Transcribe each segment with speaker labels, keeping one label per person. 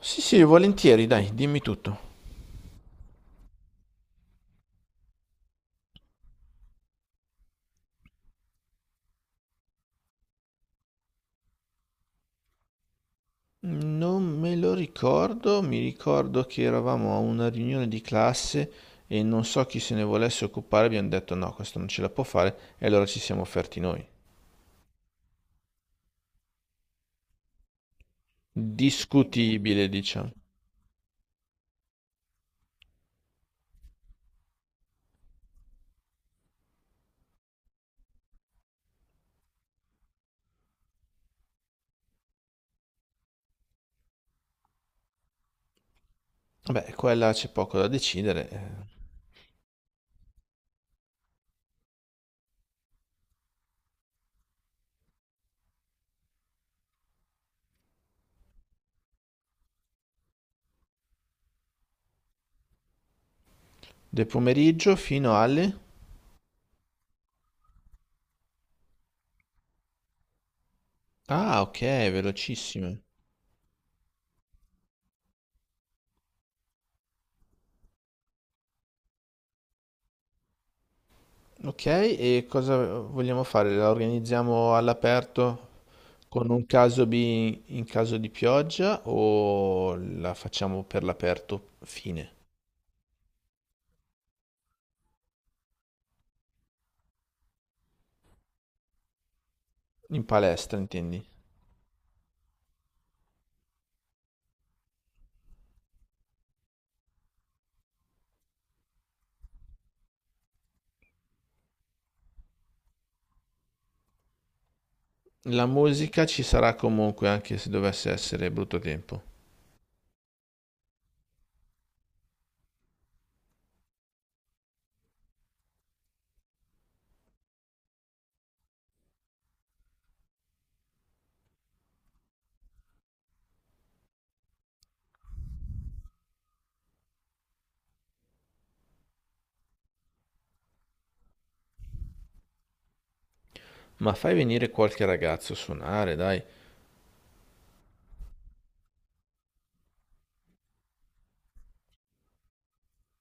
Speaker 1: Sì, sì, volentieri, dai, dimmi tutto. Non me lo ricordo, mi ricordo che eravamo a una riunione di classe e non so chi se ne volesse occupare, abbiamo detto no, questo non ce la può fare e allora ci siamo offerti noi. Discutibile, diciamo. Vabbè, qua e là c'è poco da decidere. Del pomeriggio fino alle... Ah, ok, velocissime. Ok, e cosa vogliamo fare? La organizziamo all'aperto? Con un caso B in caso di pioggia o la facciamo per l'aperto fine? In palestra, intendi? La musica ci sarà comunque anche se dovesse essere brutto tempo. Ma fai venire qualche ragazzo a suonare, dai.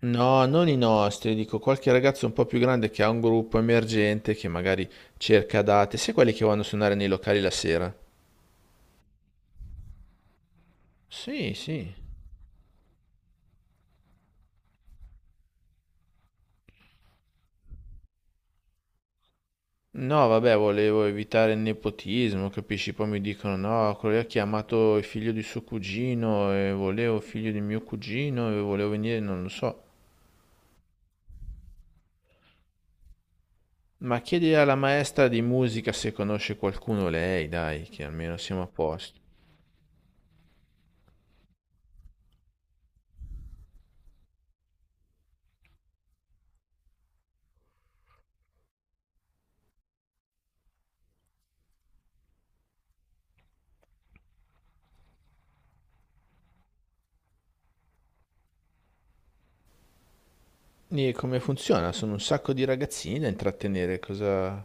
Speaker 1: No, non i nostri, dico qualche ragazzo un po' più grande che ha un gruppo emergente che magari cerca date, sai quelli che vanno a suonare nei locali la sera? Sì, sì. No, vabbè, volevo evitare il nepotismo, capisci? Poi mi dicono, no, quello lì ha chiamato il figlio di suo cugino e volevo il figlio di mio cugino e volevo venire, non lo so. Ma chiedi alla maestra di musica se conosce qualcuno lei, dai, che almeno siamo a posto. E come funziona? Sono un sacco di ragazzini da intrattenere, cosa...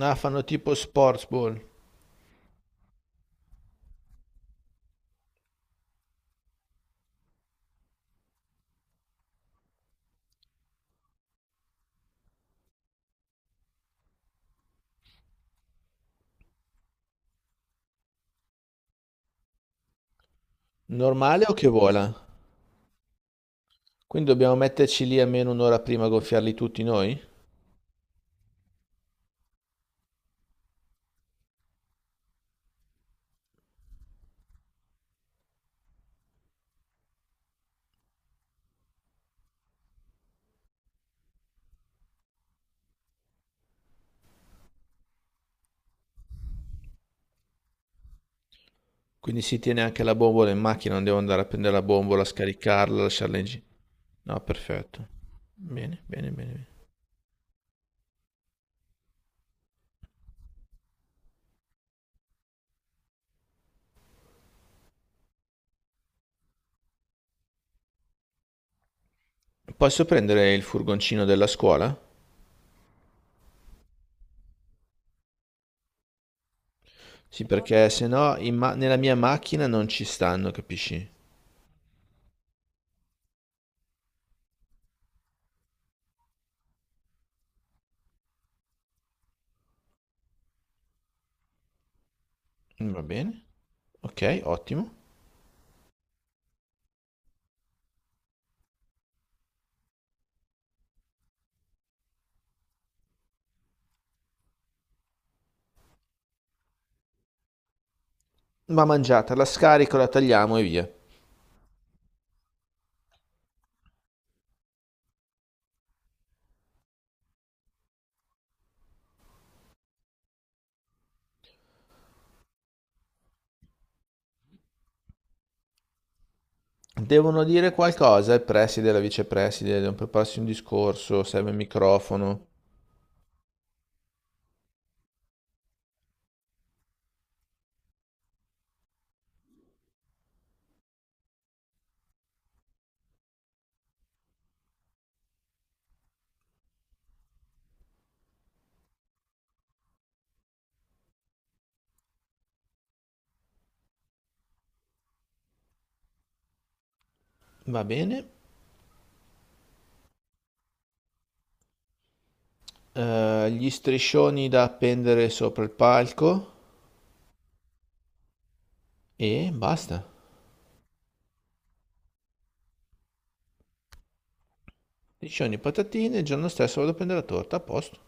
Speaker 1: Ah, fanno tipo sports ball. Normale o che vola? Quindi dobbiamo metterci lì almeno un'ora prima a gonfiarli tutti noi? Quindi si tiene anche la bombola in macchina, non devo andare a prendere la bombola, scaricarla, lasciarla in giro. No, perfetto. Bene, bene, bene. Posso prendere il furgoncino della scuola? Sì, perché se no in nella mia macchina non ci stanno, capisci? Va bene, ok, ottimo. Va mangiata, la scarico, la tagliamo e via. Devono dire qualcosa il preside e la vicepreside, devono prepararsi un discorso, serve il microfono. Va bene. Gli striscioni da appendere sopra il palco. E basta. Liscioni e patatine, il giorno stesso vado a prendere la torta, a posto.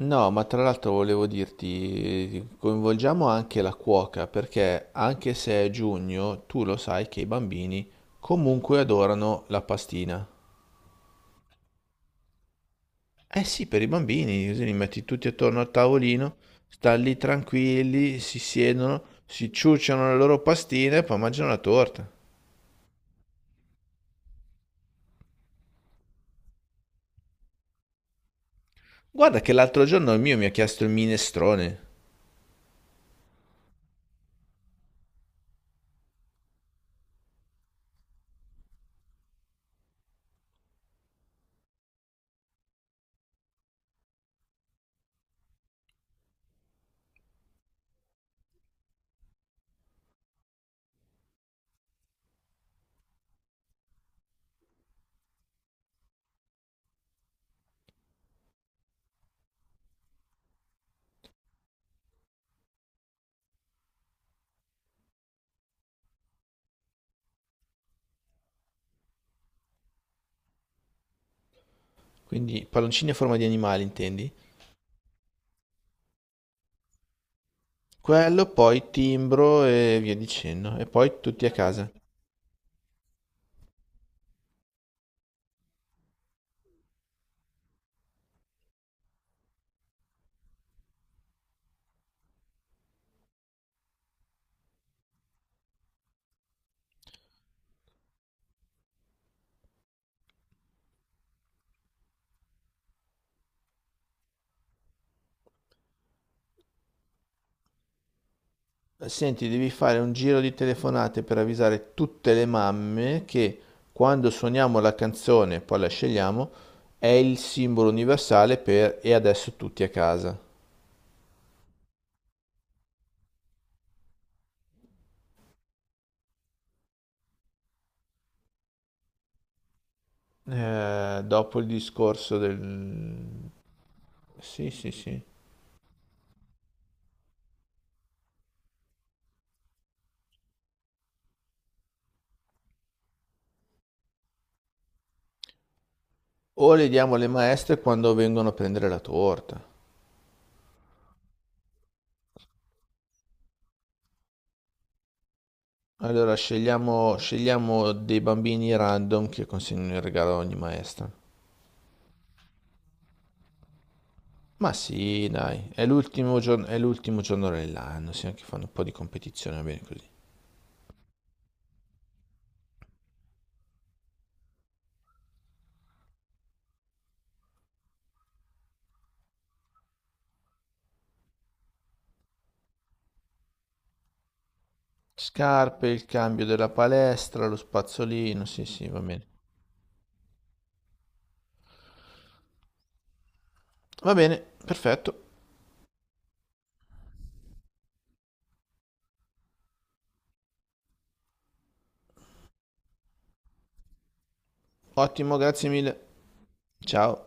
Speaker 1: No, ma tra l'altro volevo dirti, coinvolgiamo anche la cuoca, perché anche se è giugno, tu lo sai che i bambini comunque adorano la pastina. Eh sì, per i bambini, così li metti tutti attorno al tavolino, stanno lì tranquilli, si siedono, si ciucciano le loro pastine e poi mangiano la torta. Guarda che l'altro giorno il mio mi ha chiesto il minestrone, quindi palloncini a forma di animali, intendi? Quello, poi timbro e via dicendo. E poi tutti a casa. Senti, devi fare un giro di telefonate per avvisare tutte le mamme che quando suoniamo la canzone, poi la scegliamo, è il simbolo universale per e adesso tutti a casa. Dopo il discorso del... Sì, sì, sì. O le diamo alle maestre quando vengono a prendere la torta. Allora scegliamo, scegliamo dei bambini random che consegnano il regalo a ogni maestra. Ma sì, dai, è l'ultimo giorno dell'anno, sì, anche fanno un po' di competizione, va bene così. Scarpe, il cambio della palestra, lo spazzolino, sì, sì, va bene. Va bene, perfetto. Ottimo, grazie mille. Ciao.